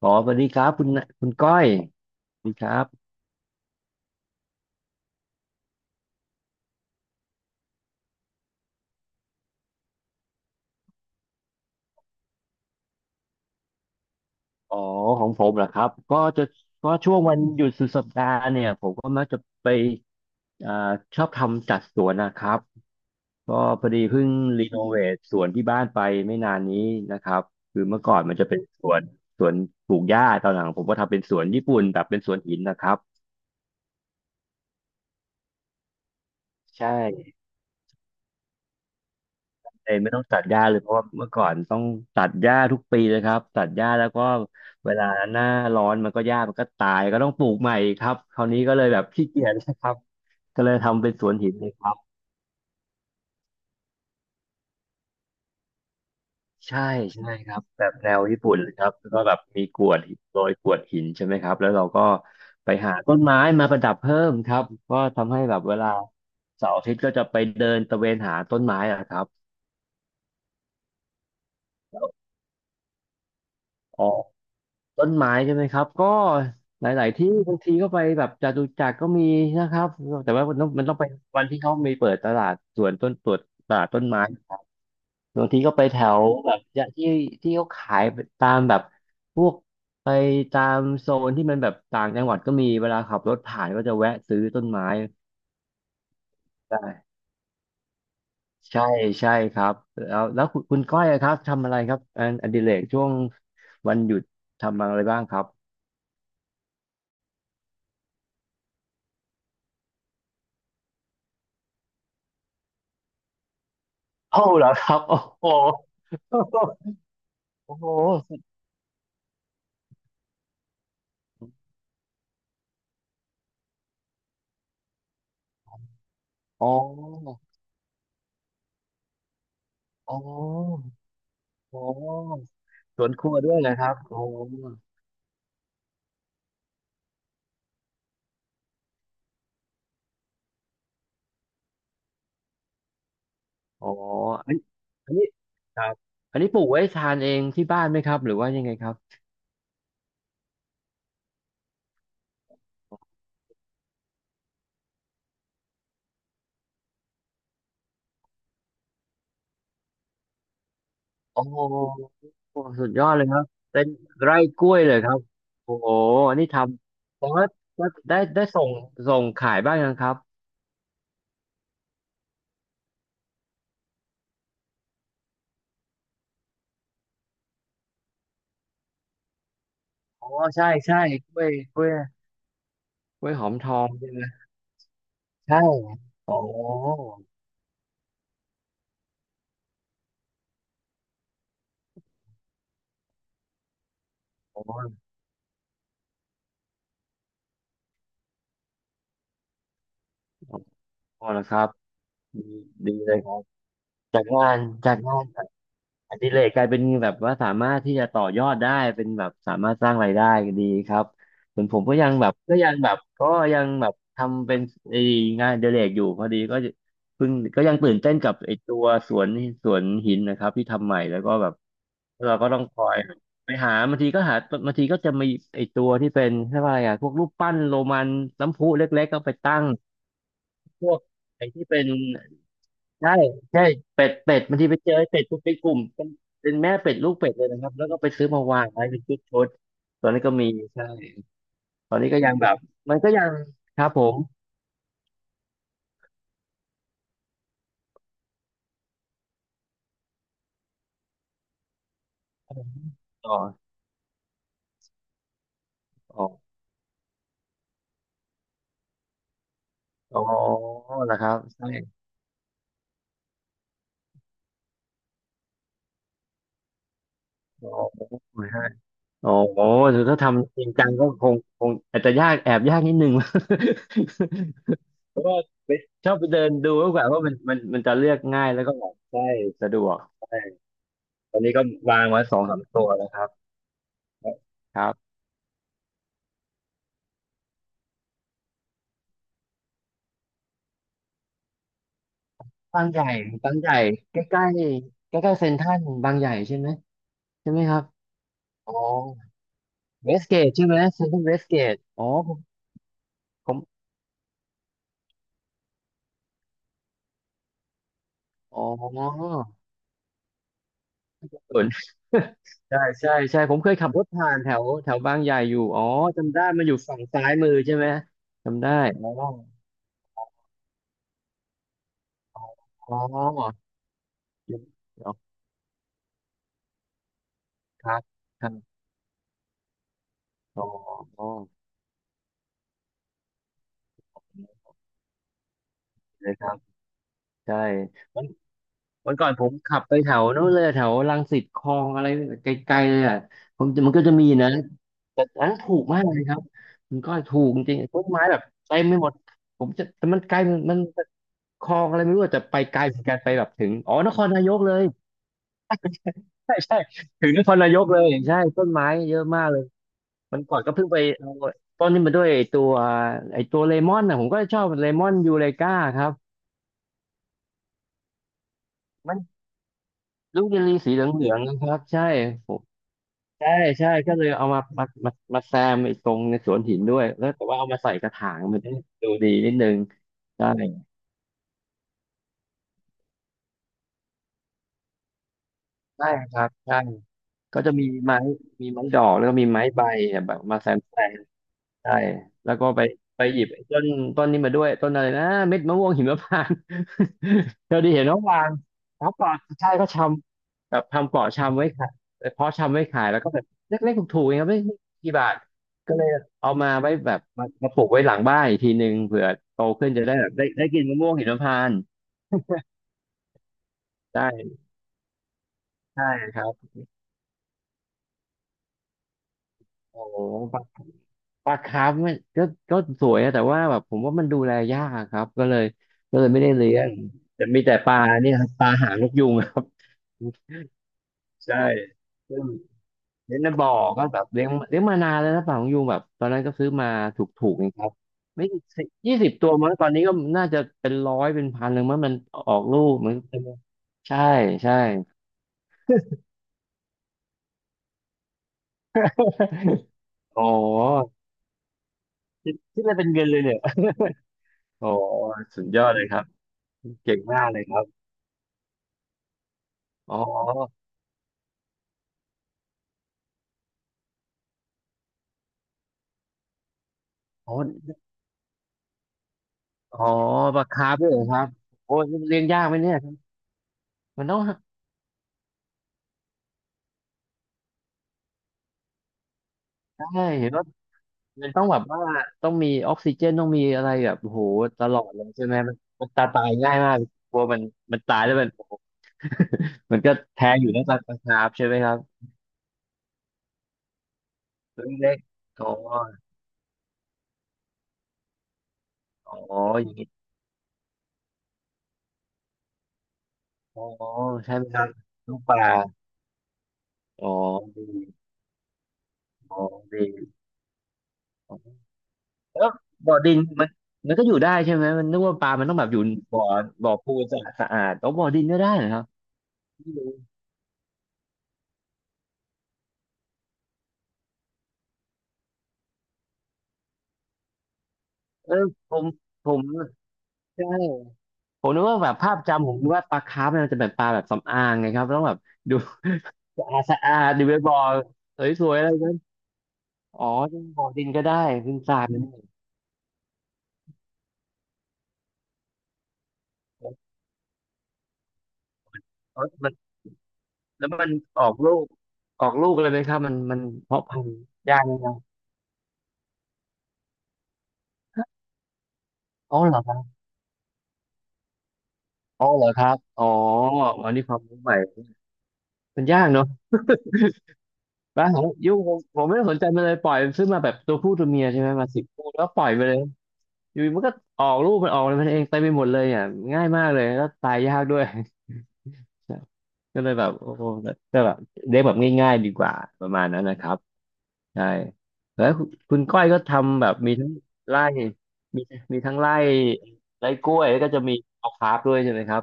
อ๋อสวัสดีครับคุณคุณก้อยสวัสดีครับอ๋อของผมเหรอครับก็จะก็ช่วงวันหยุดสุดสัปดาห์เนี่ยผมก็มักจะไปอ่าชอบทำจัดสวนนะครับ ก็พอดีเพิ่งรีโนเวทสวนที่บ้านไปไม่นานนี้นะครับ คือเมื่อก่อนมันจะเป็นสวนสวนปลูกหญ้าตอนหลังผมก็ทำเป็นสวนญี่ปุ่นแบบเป็นสวนหินนะครับ ใช่ เลยไม่ต้องตัดหญ้าเลยเพราะว่าเมื่อก่อนต้องตัดหญ้าทุกปีเลยครับตัดหญ้าแล้วก็เวลาหน้าร้อนมันก็หญ้ามันก็ตายก็ต้องปลูกใหม่ครับคราวนี้ก็เลยแบบขี้เกียจนะครับก็เลยทำเป็นสวนหินเลยครับใช่ใช่ครับแบบแนวญี่ปุ่นเลยครับแล้วก็แบบมีกรวดหินโรยกรวดหินใช่ไหมครับแล้วเราก็ไปหาต้นไม้มาประดับเพิ่มครับก็ทำให้แบบเวลาเสาร์อาทิตย์ก็จะไปเดินตะเวนหาต้นไม้อะครับ ต้นไม้ใช่ไหมครับก็หลายๆที่บางทีก็ไปแบบจตุจักรก็มีนะครับแต่ว่ามันต้องไปวันที่เขามีเปิดตลาดสวนต้นตวตลาดต้นไม้ครับบางทีก็ไปแถวแบบที่ที่ที่เขาขายตามแบบพวกไปตามโซนที่มันแบบต่างจังหวัดก็มีเวลาขับรถผ่านก็จะแวะซื้อต้นไม้ได้ใช่ใช่ครับแล้วแล้วคุณคุณก้อยอะครับทำอะไรครับอันอดิเรกช่วงวันหยุดทำอะไรบ้างครับ เอ้าเหรอครับโอ้โหโอ้โหอ๋ออ๋ออ๋อสวนครัวด้วยเหครับโอ๋อ๋ออันนี้อันนี้ครับอันนี้ปลูกไว้ทานเองที่บ้านไหมครับหรือว่ายังไงครับโอ้โหสุดยอดเลยครับเป็นไร่กล้วยเลยครับโอ้โหอันนี้ทำแต่ว่าว่าได้ได้ส่งส่งขายบ้างยังครับอ๋อใช่ใช่กล้วยกล้วยกล้วยหอมทองใช่ไหมใช่โอ้โห พอแล้วครับดีดีเลยครับจากงานจากงานอดิเรกกลายเป็นแบบว่าสามารถที่จะต่อยอดได้เป็นแบบสามารถสร้างรายได้ดีครับส่วนผมก็ยังแบบก็ยังแบบก็ยังแบบทำเป็นไอ้งานอดิเรกอยู่พอดีก็เพิ่งก็ยังตื่นเต้นกับไอ้ตัวสวนสวนหินนะครับที่ทำใหม่แล้วก็แบบเราก็ต้องคอยไปหาบางทีก็หาบางทีก็จะมีไอ้ตัวที่เป็นเรียกว่าอะไรอะพวกรูปปั้นโรมันน้ำพุเล็กๆก็ไปตั้งพวกไอ้ที่เป็น ใช่ใช่เป็ดเป็ดบางทีไปเจอไอ้เป็ดปุ๊บเป็นกลุ่มเป็นเป็นแม่เป็ดลูกเป็ดเลยนะครับแล้วก็ไปซื้อมาวางไว้เป็นชุดชุดตอนนี้ก็มีใช่ตอนนี้ก็ยังแบบมันก็ยังครับผมอ๋ออ๋ออ๋อนะครับใช่อ๋อใช่อ๋อถือถ้าทำจริงจังก็คงคงอาจจะยากแอบยากนิดนึง เพราะว่าไปชอบไปเดินดูมากกว่าว่ามันมันมันจะเลือกง่ายแล้วก็แบบใช่สะดวกใช่ตอนนี้ก็วางไว้สองสามตัวนะครับครับ บางใหญ่บางใหญ่ใกล้ใกล้ใกล้ใกล้ๆเซ็นทรัลบางใหญ่ใช่ไหมใช่ไหมครับอ๋อเวสเกตใช่ไหมเซ็นทรัลเวสเกตอ๋อผมผมอ๋อเอน ใช่ใช่ใช่ผมเคยขับรถผ่านแถวแถวบางใหญ่อยู่อ๋อจำได้มันอยู่ฝั่งซ้ายมือใช่ไหมจำได้อ๋ออ๋ออ๋อครับครับอ๋ออ๋อเลยครับใช่ วันก่อนผมขับไปแถวนู้นเลยแถวรังสิตคลองอะไรไกลๆเลยอ่ะผมมันก็จะมีนะแต่อันนั้นถูกมากเลยครับมันก็ถูกจริงๆต้นไม้แบบเต็มไม่หมดผมจะแต่มันไกลมันคลองอะไรไม่รู้อะแต่ไปไกลเหมือนกันไปแบบถึงอ๋อนครนายกเลยใช่ใช่ถึงนครนายกเลยใช่ต้นไม้เยอะมากเลยมันก่อนก็เพิ่งไปเอาต้นนี้มาด้วยไอตัวไอตัวเลมอนนะผมก็ชอบเลมอนยูเรกาครับมันลูกเยลลี่สีเหลืองๆนะครับใช่ ใช่ใช่ก็เลยเอามาแซมไอ้ตรงในสวนหินด้วยแล้วแต่ว่าเอามาใส่กระถางมันจะดูดีนิดนึงใช่ใช่ครับใช่ก็จะมีไม้มีไม้ดอกแล้วก็มีไม้ใบแบบมาแซมแซม ใช่ แล้วก็ไปไปหยิบไอ้ต้นต้นนี้มาด้วยต้นอะไรนะเม็ดมะม่วงหิมพานต์ เธอไดีเห็นน้องวางเขาปลอดใช่ก็ชำแบบทำเปลาะชำไว้ขายเพาะชำไว้ขายแล้วก็แบบเล็กๆถูกๆเองครับไม่กี่บาทก็เลยเอามาไว้แบบมาปลูกไว้หลังบ้านอีกทีหนึ่งเผื่อโตขึ้นจะได้แบบได้กินมะม่วงหิมพานต์ได้ใช่ครับโอ้โห ปลาคาร์ฟมันก็สวยอะแต่ว่าแบบผมว่ามันดูแลยากอะครับก็เลยไม่ได้เลี้ยงแต่มีแต่ปลาเนี่ยครับปลาหางนกยูงครับใช่ซึ่งเลี้ยงในบ่อก็แบบเลี้ยงมานานแล้วนะปลาหางนกยูงแบบตอนนั้นก็ซื้อมาถูกๆเองครับไม่สิ20ตัวมั้งตอนนี้ก็น่าจะเป็นร้อยเป็นพันเลยมั้งมันออกลูกมันใช่ใช่ โอ้คิดอะไรเป็นเงินเลยเนี่ย โอ้สุดยอดเลยครับเก่งมากเลยครับอ๋อ อ๋ออ๋อปลาคาร์ฟด้วยเหรอครับโอ้ยเลี้ยงยากไหมเนี่ยมันต้องใช่เห็นว่ามันต้องแบบว่าต้องมีออกซิเจนต้องมีอะไรแบบโอ้โหตลอดเลยใช่ไหมมันตาตายง่ายมากกลัวมันมันตายแล้วมันโอ้โหมันก็แท้อยู่นะปลาคาร์ฟใช่ไหมครับตัวเล็กๆอ๋ออ๋ออย่างงี้อ๋อใช่ไหมครับลูกปลาอ๋อดีอ๋อดีอ๋อแล้วบ่อดินมันก็อยู่ได้ใช่ไหมมันนึกว่าปลามันต้องแบบอยู่บ่อบ่อปูนสะอาดสะอาดอ๋อบ่อดินก็ได้เหรอครับ เออผมผมใช่ผมนึกว่าแบบภาพจำผมนึกว่าปลาคาร์ฟเนี่ยมันจะแบบปลาแบบสำอางไงครับต้องแบบดูสะอาดสะอาดดูเวบอลสวยๆอะไรกันอ๋อ่บ่อดินก็ได้ขึ้นทรายมันอ๋อมันแล้วมันออกลูกออกลูกเลยไหมครับมันเพาะพันธุ์ยากไหมครับอ๋อเหรอครับอ๋อเหรอครับอ๋ออันนี้ความรู้ใหม่มันยากเนอะบ้านของยุ่งผมไม่ได้สนใจมันเลยปล่อยมันซื้อมาแบบตัวผู้ตัวเมียใช่ไหมมาสิบตัวแล้วปล่อยไปเลย อยู่มันก็ออกลูกมันออกอะไรมันเองเต็มไปหมดเลยเนี่ยง่ายมากเลยแล้วตายยากด้วย ก็เลยแบบโอ้โหก็แบบเลี้ยงแบบง่ายๆดีกว่าประมาณนั้นนะครับใช่แล้วคุณก้อยก็ทำแบบมีทั้งไร่มีมีทั้งไร่กล้วยแล้วก็จะมีเอาคาร์ฟด้วยใช่ไหมครับ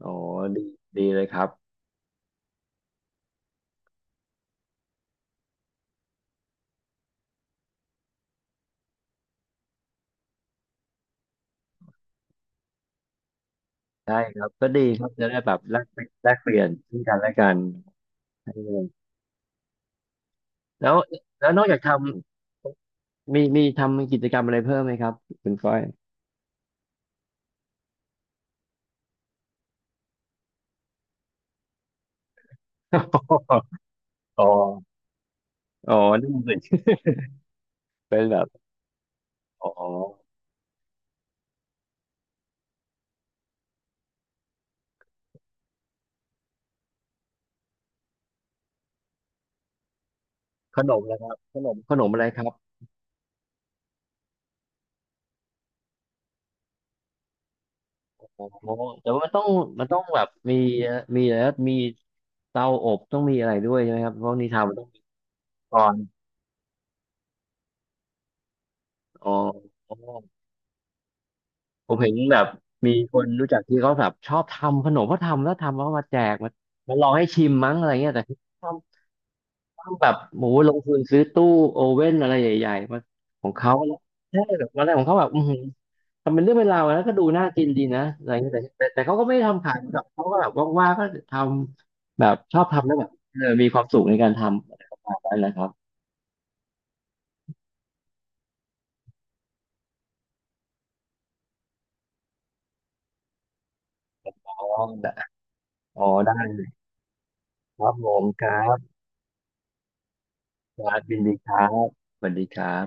โอ้ดีดีเลยครับใช่ครับก็ดีครับจะได้แบบแลกเปลี่ยนแลกเปลี่ยนซึ่งกันและกันใช่เลยแล้วแล้วนอกจากทำมีทำกิจกรรมอะไรเพิ่มไหมครับคุณก้อย อ๋ออ๋อนี่มันเป็นแบบอ๋อขนมนะครับขนมอะไรครับอ๋อแต่ว่ามันต้องมันต้องแบบมีอะไรนะมีเตาอบต้องมีอะไรด้วยใช่ไหมครับเพราะนิทานมันต้องมีก่อนอ๋ออ๋อผมเห็นแบบมีคนรู้จักที่เขาแบบชอบทำขนมเขาทำแล้วมาแจกมามาลองให้ชิมมั้งอะไรเงี้ยแต่ททำแบบโหมูลงทุนซื้อตู้โอเว่นอะไรใหญ่ๆมาของเขาแล้วใช่แบบอะไรของเขาแบบ ทำเป็นเรื่องเป็นราวนะก็ดูน่ากินดีนะอะไรเงี้ยแต่เขาก็ไม่ได้ทำขายแบบเขาก็แบบว่างๆก็ทำแบบชอบทำแล้วแบบเออมีความสุขในการทำอะไรประมาณนั้นนะครับอ๋อได้อ๋อได้เลยครับผมครับครับยินดีครับสวัสดีครับ